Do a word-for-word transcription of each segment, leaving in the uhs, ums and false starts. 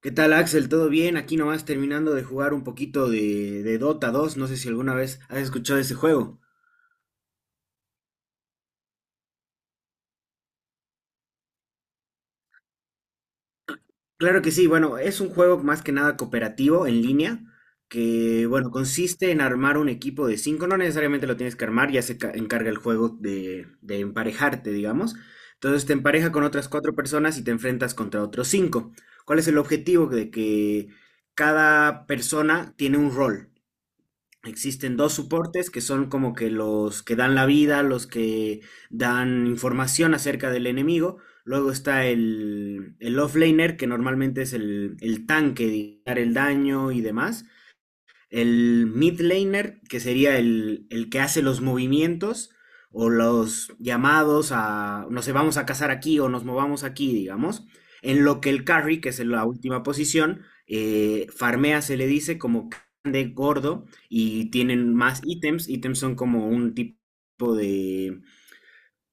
¿Qué tal, Axel? ¿Todo bien? Aquí nomás terminando de jugar un poquito de, de Dota dos. No sé si alguna vez has escuchado ese juego. Claro que sí, bueno, es un juego más que nada cooperativo en línea, que bueno, consiste en armar un equipo de cinco. No necesariamente lo tienes que armar, ya se ca- encarga el juego de, de emparejarte, digamos. Entonces te empareja con otras cuatro personas y te enfrentas contra otros cinco. ¿Cuál es el objetivo? De que cada persona tiene un rol. Existen dos soportes que son como que los que dan la vida, los que dan información acerca del enemigo. Luego está el, el offlaner, que normalmente es el, el tanque, de dar el daño y demás el mid laner, que sería el, el que hace los movimientos o los llamados a, no sé, vamos a cazar aquí o nos movamos aquí, digamos, en lo que el carry, que es en la última posición, eh, farmea, se le dice, como de gordo y tienen más ítems. Ítems son como un tipo de,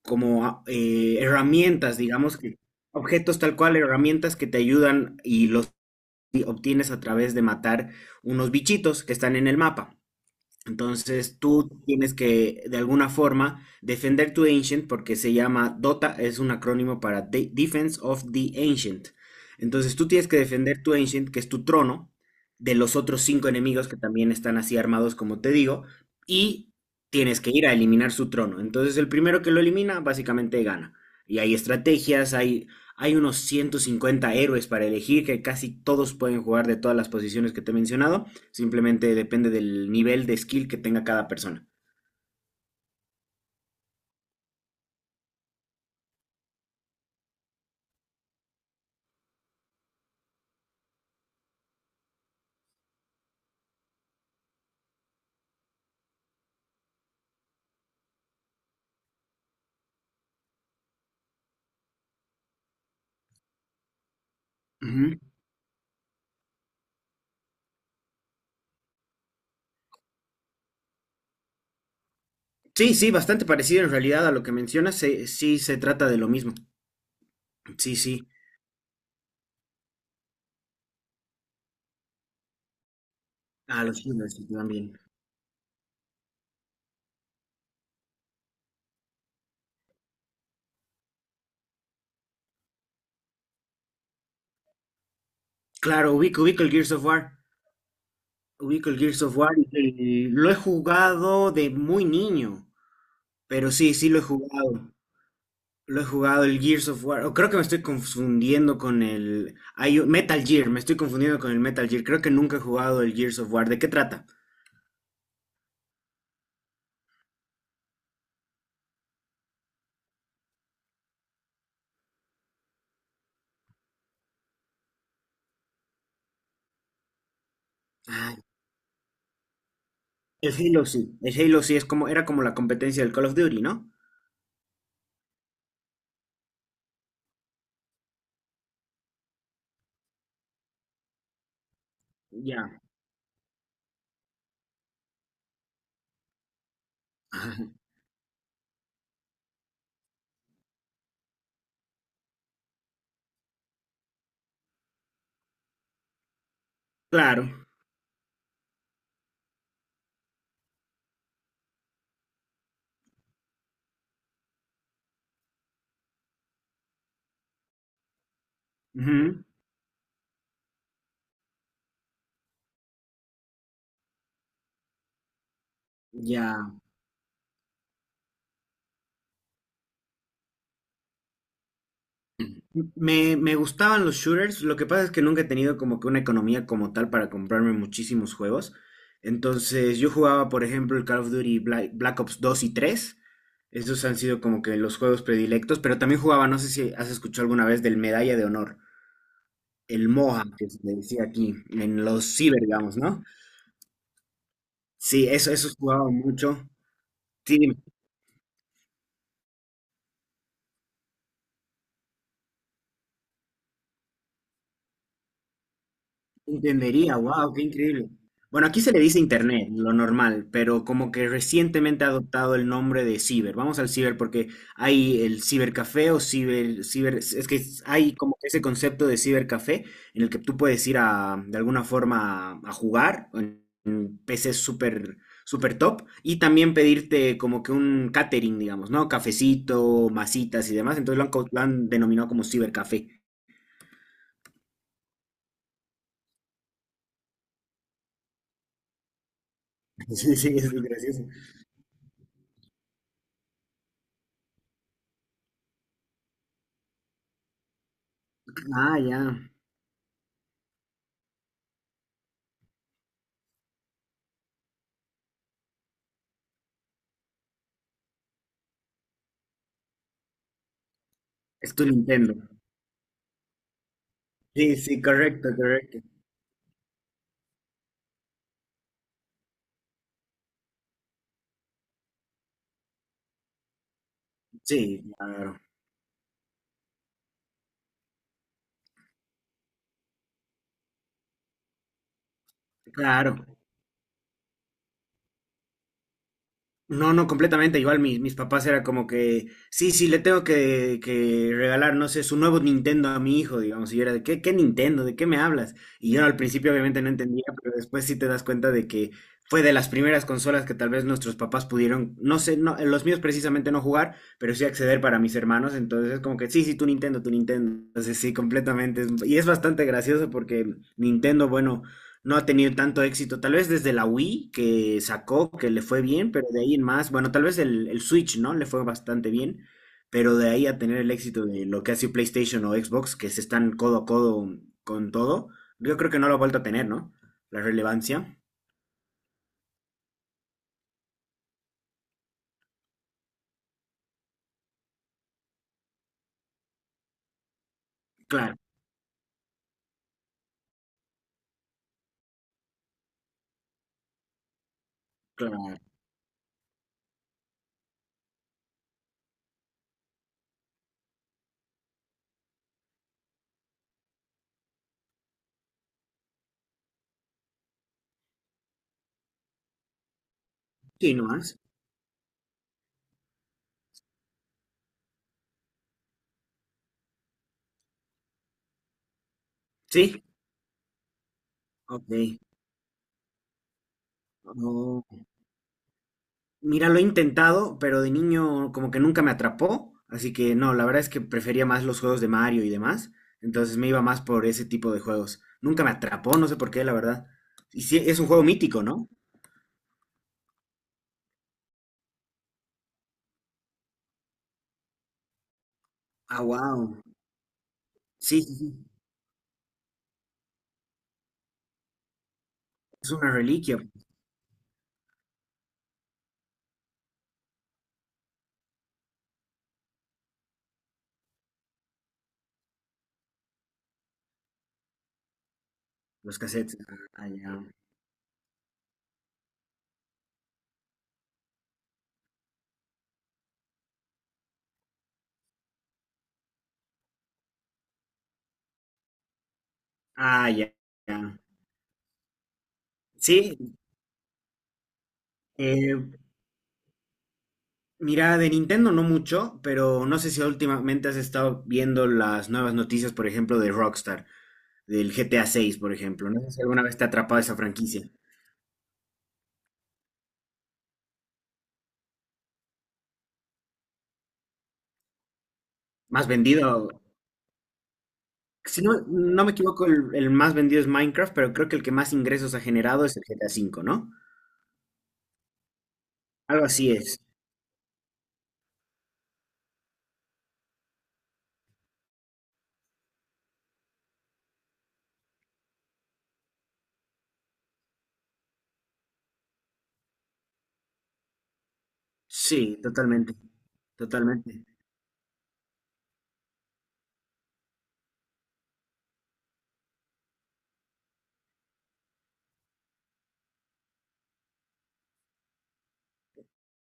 como eh, herramientas, digamos, que, objetos tal cual, herramientas que te ayudan y los obtienes a través de matar unos bichitos que están en el mapa. Entonces tú tienes que, de alguna forma, defender tu Ancient porque se llama DOTA, es un acrónimo para De- Defense of the Ancient. Entonces tú tienes que defender tu Ancient, que es tu trono, de los otros cinco enemigos que también están así armados, como te digo, y tienes que ir a eliminar su trono. Entonces el primero que lo elimina, básicamente gana. Y hay estrategias, hay, hay unos ciento cincuenta héroes para elegir, que casi todos pueden jugar de todas las posiciones que te he mencionado. Simplemente depende del nivel de skill que tenga cada persona. Ujú. Sí, sí, bastante parecido en realidad a lo que mencionas. Se- sí, se trata de lo mismo. Sí, sí. A los shooters sí te. Claro, ubico, ubico el Gears of War. Ubico el Gears of War y lo he jugado de muy niño. Pero sí, sí lo he jugado. Lo he jugado el Gears of War. O creo que me estoy confundiendo con el. hay un- Metal Gear, me estoy confundiendo con el Metal Gear. Creo que nunca he jugado el Gears of War. ¿De qué trata? Ah, el Halo sí, el Halo sí es como, era como la competencia del Call of Duty, ¿no? Ya, claro. Ujú. Ya. Me, me gustaban los shooters, lo que pasa es que nunca he tenido como que una economía como tal para comprarme muchísimos juegos. Entonces yo jugaba, por ejemplo, el Call of Duty Bla- Black, Ops dos y tres. Esos han sido como que los juegos predilectos, pero también jugaba, no sé si has escuchado alguna vez del Medalla de Honor, el MOHA, que se le decía aquí, en los ciber, digamos, ¿no? Sí, eso, eso jugaba mucho. Sí, Entendería, wow, qué increíble. Bueno, aquí se le dice internet, lo normal, pero como que recientemente ha adoptado el nombre de ciber. Vamos al ciber porque hay el cibercafé o ciber, ciber, es que hay como que ese concepto de cibercafé en el que tú puedes ir a, de alguna forma, a jugar en, en P Cs súper, súper top y también pedirte como que un catering, digamos, ¿no? Cafecito, masitas y demás. Entonces lo han, co- lo han denominado como cibercafé. Sí, sí, es gracioso. Ah, ya. Es tu Nintendo. Sí, sí, correcto, correcto. Sí, claro, claro. No, no, completamente. Igual mis, mis papás era como que, sí, sí, le tengo que, que regalar, no sé, su nuevo Nintendo a mi hijo, digamos. Y yo era de, ¿qué, qué Nintendo? ¿De qué me hablas? Y yo al principio obviamente no entendía, pero después sí te das cuenta de que fue de las primeras consolas que tal vez nuestros papás pudieron, no sé, no, los míos precisamente no jugar, pero sí acceder para mis hermanos. Entonces es como que, sí, sí, tu Nintendo, tu Nintendo. Entonces sí, completamente. es- Y es bastante gracioso porque Nintendo, bueno. No ha tenido tanto éxito, tal vez desde la Wii que sacó, que le fue bien, pero de ahí en más, bueno, tal vez el, el Switch, ¿no? Le fue bastante bien, pero de ahí a tener el éxito de lo que ha sido PlayStation o Xbox, que se están codo a codo con todo, yo creo que no lo ha vuelto a tener, ¿no? La relevancia. Claro, claro. Sí, nomás. Sí, ok. Oh, mira, lo he intentado, pero de niño como que nunca me atrapó, así que no, la verdad es que prefería más los juegos de Mario y demás, entonces me iba más por ese tipo de juegos. Nunca me atrapó, no sé por qué, la verdad. Y sí, es un juego mítico, ¿no? Ah, wow. Sí, sí, sí. Es una reliquia, los cassettes. Ah, ya. Ah, ya. Ya. Sí, eh, mira, de Nintendo no mucho, pero no sé si últimamente has estado viendo las nuevas noticias, por ejemplo, de Rockstar. Del G T A seis, por ejemplo. No sé si alguna vez te ha atrapado esa franquicia. Más vendido, si no, no me equivoco, el, el más vendido es Minecraft, pero creo que el que más ingresos ha generado es el G T A cinco, ¿no? Algo así es. Sí, totalmente. Totalmente.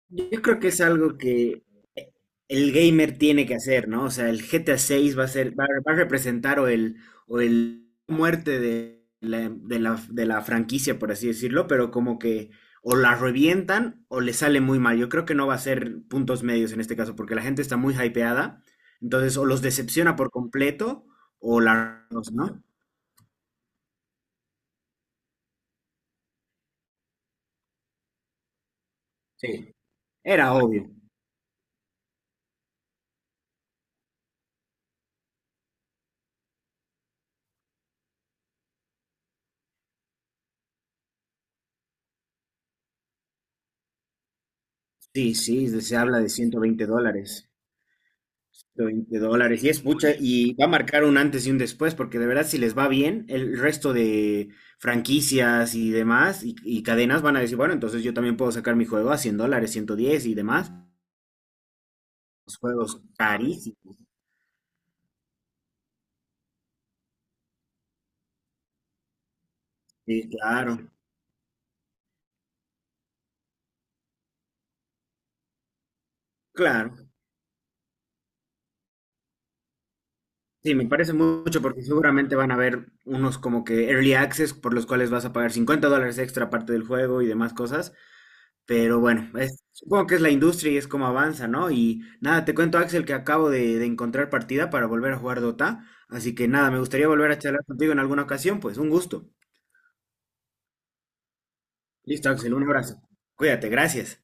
Yo creo que es algo que el gamer tiene que hacer, ¿no? O sea, el G T A seis va a ser, va, va a representar o el, o el muerte de la, de la, de la franquicia, por así decirlo, pero como que o la revientan o le sale muy mal. Yo creo que no va a ser puntos medios en este caso, porque la gente está muy hypeada, entonces o los decepciona por completo o la, ¿no? Sí. Era obvio. Sí, sí, se habla de ciento veinte dólares. De veinte dólares. Y es mucha, y va a marcar un antes y un después, porque de verdad, si les va bien, el resto de franquicias y demás, y, y cadenas van a decir, bueno, entonces yo también puedo sacar mi juego a cien dólares, ciento diez y demás. Los juegos carísimos. Sí, claro, claro. Sí, me parece mucho porque seguramente van a haber unos como que early access por los cuales vas a pagar cincuenta dólares extra aparte del juego y demás cosas. Pero bueno, es- supongo que es la industria y es como avanza, ¿no? Y nada, te cuento, Axel, que acabo de, de encontrar partida para volver a jugar Dota. Así que nada, me gustaría volver a charlar contigo en alguna ocasión, pues un gusto. Listo, Axel, un abrazo. Cuídate, gracias.